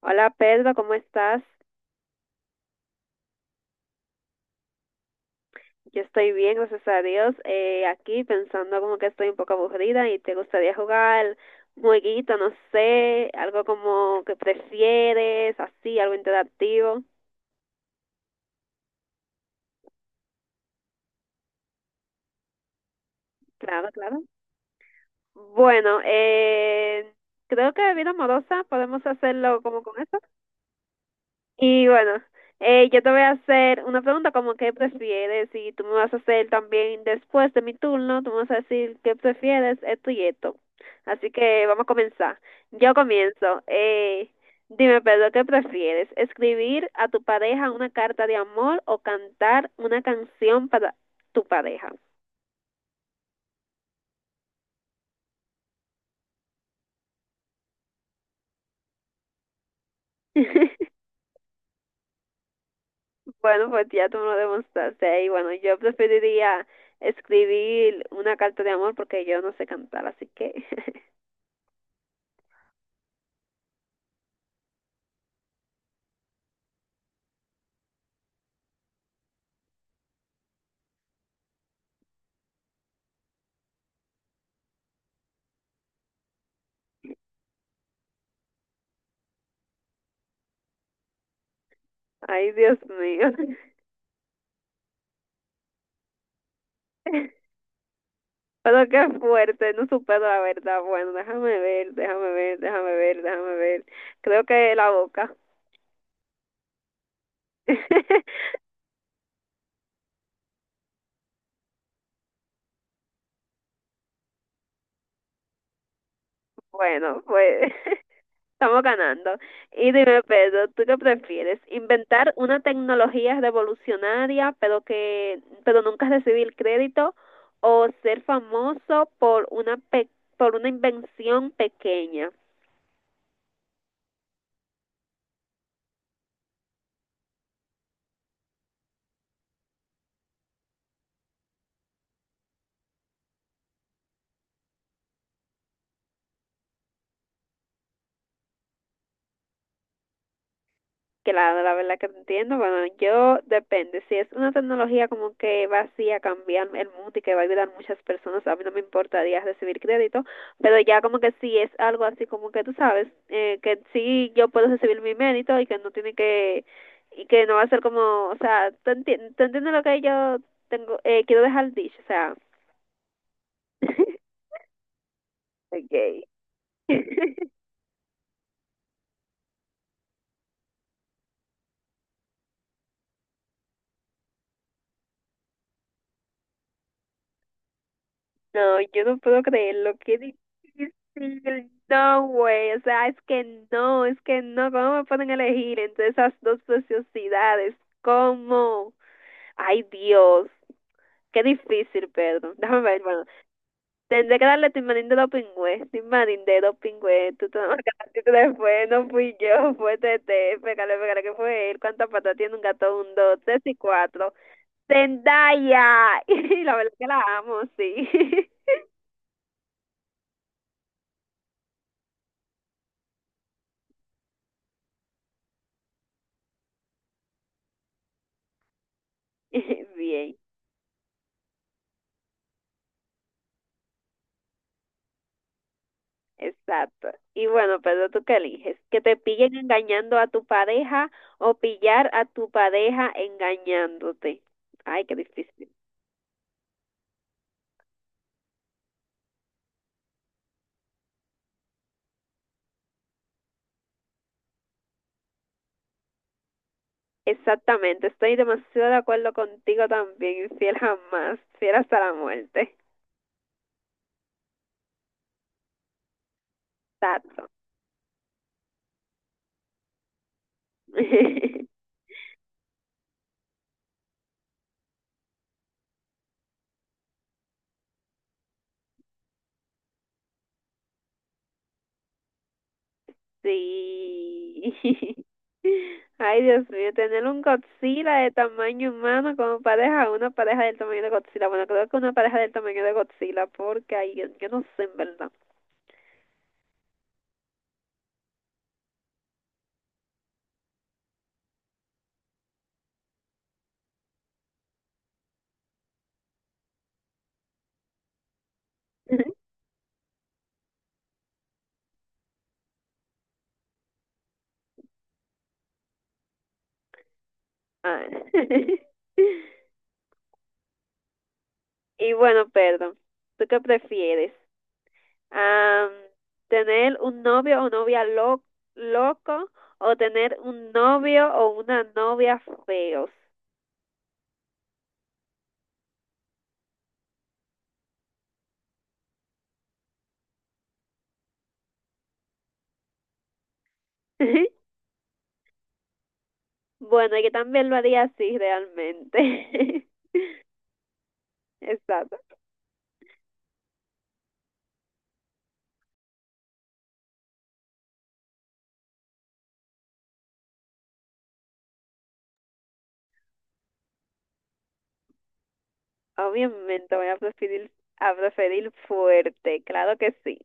Hola Pedro, ¿cómo estás? Yo estoy bien, gracias a Dios. Aquí pensando como que estoy un poco aburrida y te gustaría jugar un jueguito, no sé, algo como que prefieres, así, algo interactivo. Claro, claro. Bueno, creo que vida amorosa podemos hacerlo como con eso. Y bueno, yo te voy a hacer una pregunta como qué prefieres y tú me vas a hacer también después de mi turno, tú me vas a decir qué prefieres, esto y esto. Así que vamos a comenzar. Yo comienzo. Dime, Pedro, ¿qué prefieres? ¿Escribir a tu pareja una carta de amor o cantar una canción para tu pareja? Bueno, pues ya tú me lo demostraste. Y bueno, yo preferiría escribir una carta de amor porque yo no sé cantar, así que... Ay, Dios mío. Pero qué fuerte, no supero la verdad. Bueno, déjame ver, déjame ver, déjame ver, déjame ver. Creo que la boca. Bueno, pues estamos ganando. Y dime, Pedro, ¿tú qué prefieres? ¿Inventar una tecnología revolucionaria, pero nunca recibir crédito o ser famoso por una por una invención pequeña? Claro, la verdad que te entiendo. Bueno, yo depende. Si es una tecnología como que va así a cambiar el mundo y que va a ayudar a muchas personas, a mí no me importaría recibir crédito, pero ya como que si es algo así como que tú sabes, que sí yo puedo recibir mi mérito y que no tiene que, y que no va a ser como, o sea, ¿tú entiendes lo que yo tengo, quiero dejar dicho? O sea, okay. No, yo no puedo creerlo, qué difícil. No, güey, o sea, es que no, ¿cómo me pueden elegir entre esas dos sociedades? ¿Cómo? Ay, Dios, qué difícil, perdón. Déjame ver, bueno, tendré que darle Timarín de los pingües, Timarín de los pingües, tú te tú te la fue, no fui yo, fue Tete, pégale, pégale, que fue él, cuántas patas tiene un gato, un, dos, tres y cuatro. Zendaya, y la verdad que la amo, sí. Bien. Exacto. Y bueno, pero ¿tú qué eliges? ¿Que te pillen engañando a tu pareja o pillar a tu pareja engañándote? Ay, qué difícil. Exactamente, estoy demasiado de acuerdo contigo también, fiel jamás, fiel hasta la muerte. Exacto. Sí. Ay, Dios mío, tener un Godzilla de tamaño humano como pareja, una pareja del tamaño de Godzilla. Bueno, creo que una pareja del tamaño de Godzilla, porque ay, yo no sé en verdad. Ah. Y bueno, perdón, ¿tú qué prefieres? Am, ¿Tener un novio o novia loco o tener un novio o una novia feos? Bueno, yo también lo haría así realmente. Exacto. Obviamente voy a preferir fuerte, claro que sí.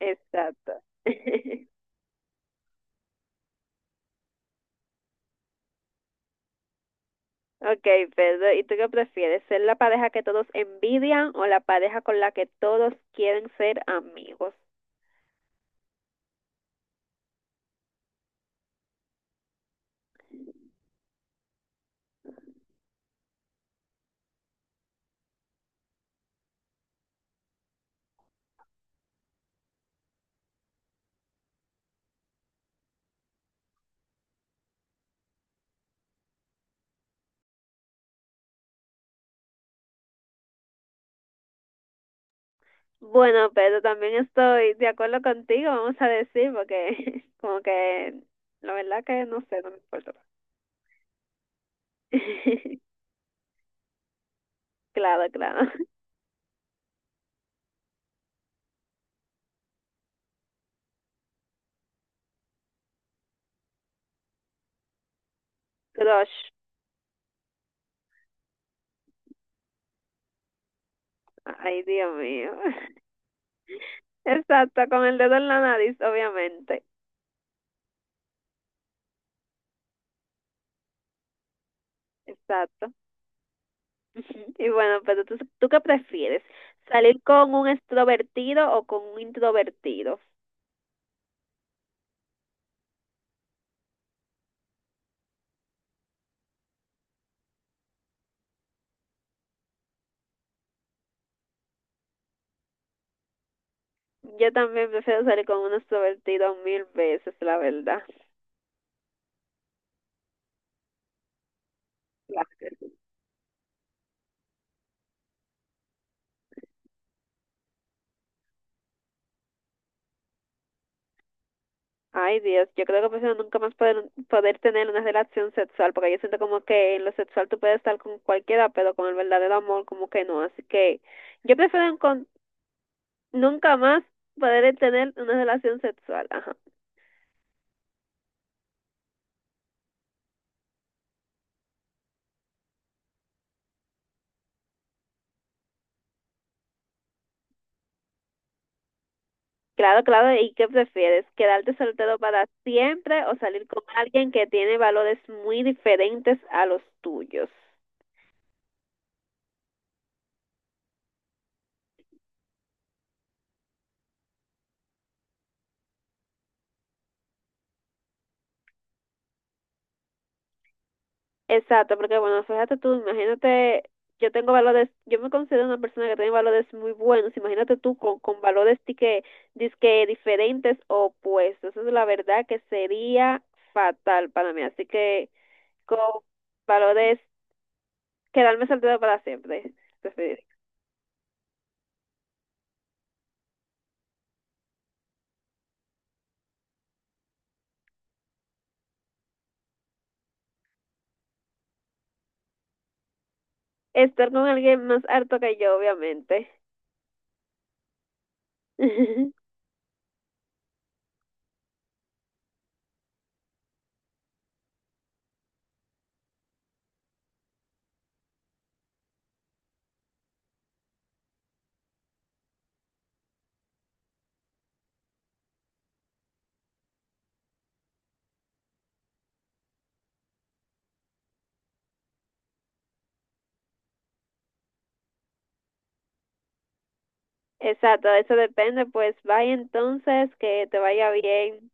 Exacto. Ok, Pedro, ¿y tú qué prefieres? ¿Ser la pareja que todos envidian o la pareja con la que todos quieren ser amigos? Bueno, Pedro, también estoy de acuerdo contigo, vamos a decir, porque como que la verdad que no sé, no me importa. Claro, claro. Crush. Ay, Dios mío. Exacto, con el dedo en la nariz, obviamente. Exacto. Ujú. Y bueno, pero ¿tú qué prefieres? ¿Salir con un extrovertido o con un introvertido? Yo también prefiero salir con un extrovertido mil veces, la verdad. Ay, Dios, yo creo que prefiero nunca más poder tener una relación sexual, porque yo siento como que en lo sexual tú puedes estar con cualquiera, pero con el verdadero amor como que no. Así que yo prefiero nunca más poder tener una relación sexual. Ajá. Claro, claro, ¿y qué prefieres? ¿Quedarte soltero para siempre o salir con alguien que tiene valores muy diferentes a los tuyos? Exacto, porque bueno, fíjate tú, imagínate, yo tengo valores, yo me considero una persona que tiene valores muy buenos, imagínate tú con valores que dizque diferentes o opuestos, eso es la verdad que sería fatal para mí, así que con valores, quedarme soltero para siempre, preferir. Estar con alguien más harto que yo, obviamente. Exacto, eso depende, pues vaya entonces, que te vaya bien.